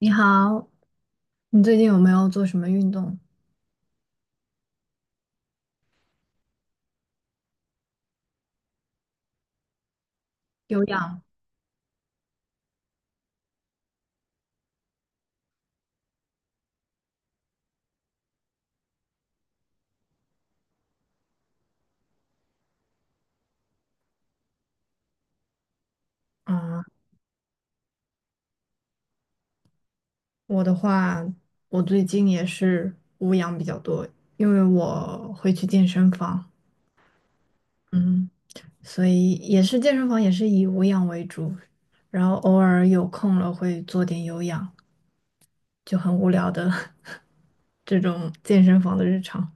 你好，你最近有没有做什么运动？有氧啊，我的话，我最近也是无氧比较多，因为我会去健身房，嗯，所以也是健身房也是以无氧为主，然后偶尔有空了会做点有氧，就很无聊的 这种健身房的日常。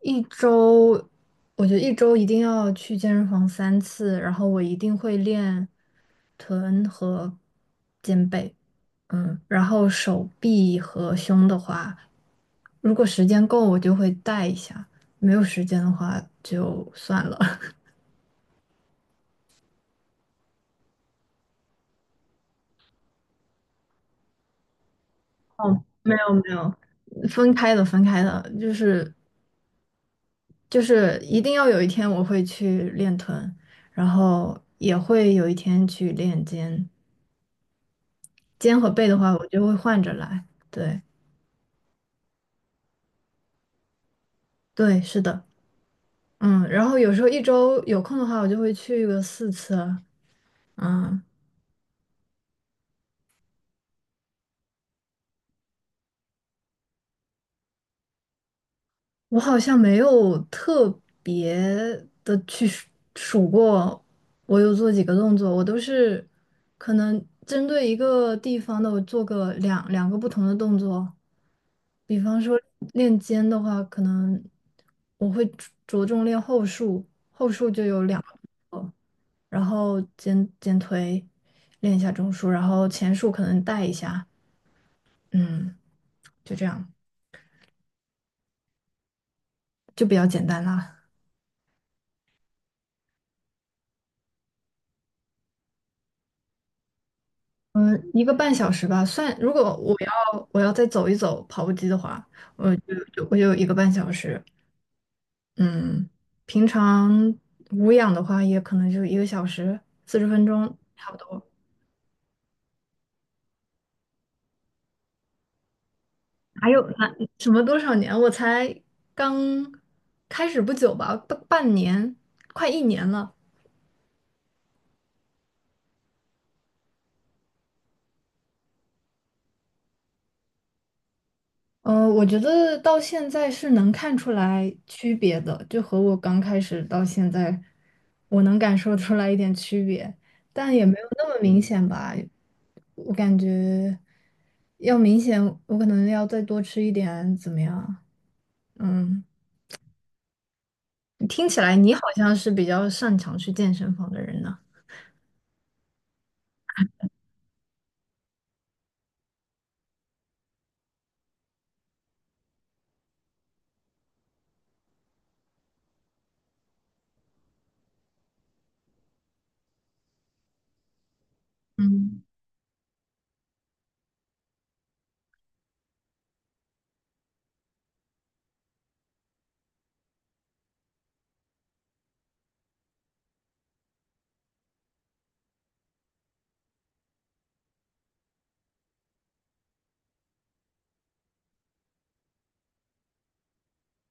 一周，我觉得一周一定要去健身房3次，然后我一定会练臀和肩背。嗯，然后手臂和胸的话，如果时间够，我就会带一下；没有时间的话，就算了。没有没有，分开的分开的，就是一定要有一天我会去练臀，然后也会有一天去练肩，肩和背的话，我就会换着来。对对，是的，嗯，然后有时候一周有空的话，我就会去个4次，嗯。我好像没有特别的去数过，我有做几个动作，我都是可能针对一个地方的，我做个两个不同的动作。比方说练肩的话，可能我会着重练后束，后束就有两个，然后肩推练一下中束，然后前束可能带一下，嗯，就这样，就比较简单啦。嗯，一个半小时吧，算，如果我要再走一走跑步机的话，我就有一个半小时。嗯，平常无氧的话，也可能就1个小时40分钟差不多。还有那什么多少年？我才刚开始不久吧，半年，快1年了。我觉得到现在是能看出来区别的，就和我刚开始到现在，我能感受出来一点区别，但也没有那么明显吧。我感觉要明显，我可能要再多吃一点，怎么样？嗯，听起来你好像是比较擅长去健身房的人呢。嗯，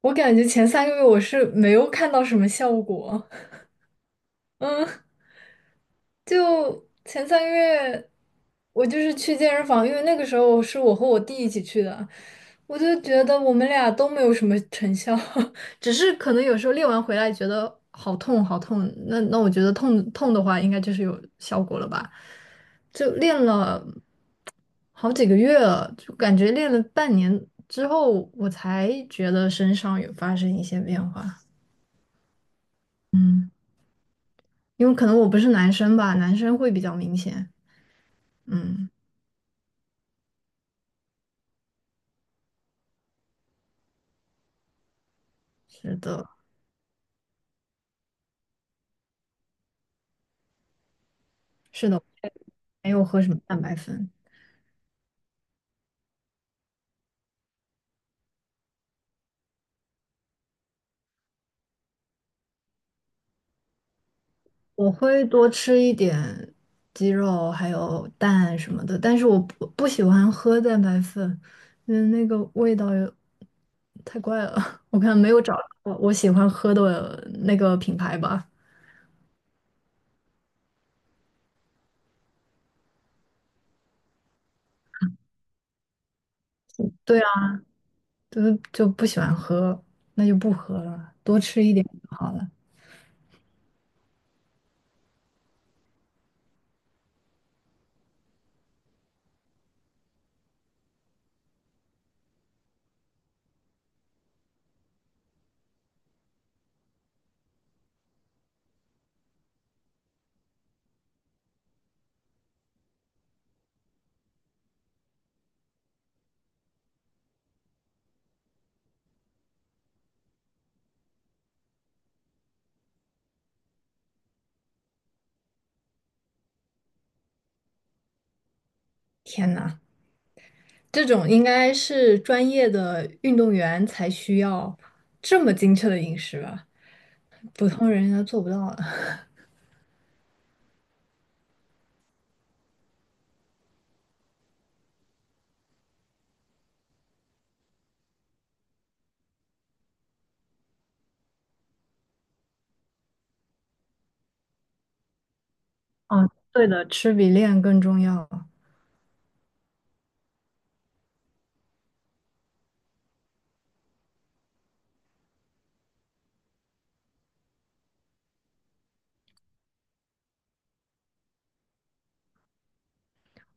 我感觉前三个月我是没有看到什么效果。嗯。就前3个月，我就是去健身房，因为那个时候是我和我弟一起去的，我就觉得我们俩都没有什么成效，只是可能有时候练完回来觉得好痛好痛，那我觉得痛痛的话应该就是有效果了吧，就练了好几个月了，就感觉练了半年之后，我才觉得身上有发生一些变化，嗯，因为可能我不是男生吧，男生会比较明显，嗯。是的，没有喝什么蛋白粉？我会多吃一点鸡肉，还有蛋什么的，但是我不喜欢喝蛋白粉，因为那个味道有太怪了。我看没有找到我喜欢喝的那个品牌吧。对啊，就就不喜欢喝，那就不喝了，多吃一点就好了。天呐，这种应该是专业的运动员才需要这么精确的饮食吧？普通人应该做不到的。啊，对的，吃比练更重要，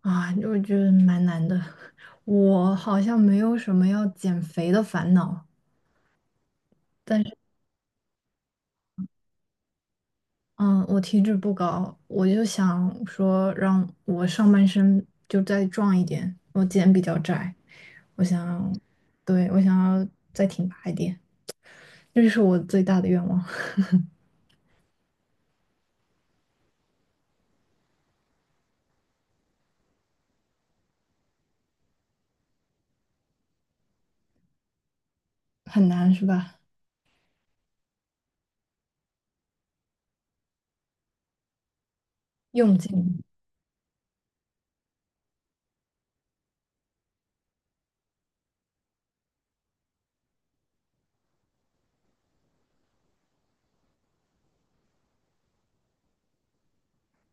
啊，我觉得蛮难的。我好像没有什么要减肥的烦恼，但是嗯，我体脂不高，我就想说让我上半身就再壮一点，我肩比较窄，我想，对，我想要再挺拔一点，这是我最大的愿望，很难是吧？用尽。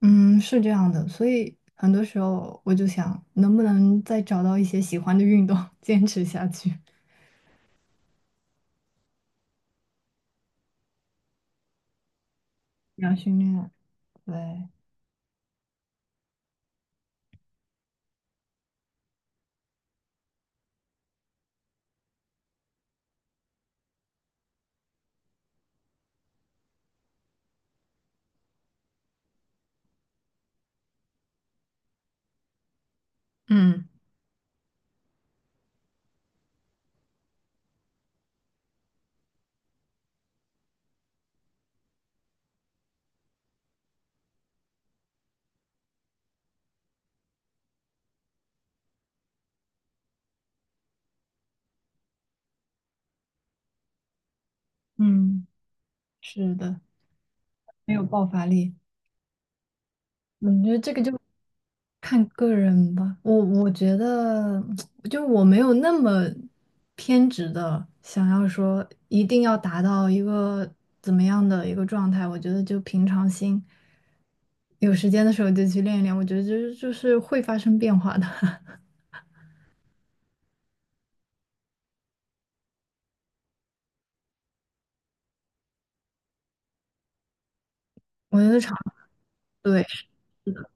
嗯，是这样的，所以很多时候我就想，能不能再找到一些喜欢的运动，坚持下去，要训练。对，嗯嗯，是的，没有爆发力。我觉得这个就看个人吧。我觉得，就我没有那么偏执的想要说一定要达到一个怎么样的一个状态。我觉得就平常心，有时间的时候就去练一练。我觉得就是会发生变化的。我觉得肠，对，是的，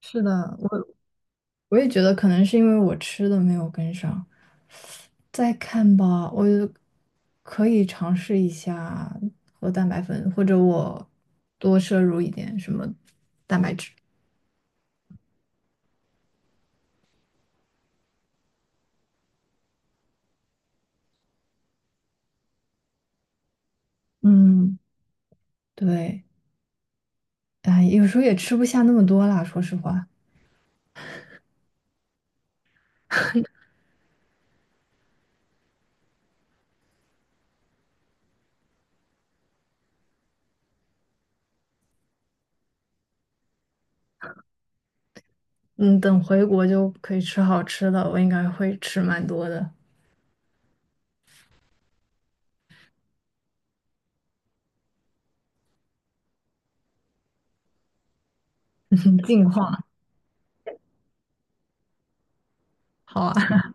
是的，我也觉得可能是因为我吃的没有跟上。再看吧，我可以尝试一下喝蛋白粉，或者我多摄入一点什么蛋白质。嗯，对，哎，有时候也吃不下那么多啦，说实话。嗯，等回国就可以吃好吃的，我应该会吃蛮多的，进化。好啊，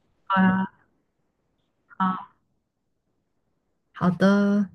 好啊，好，好的。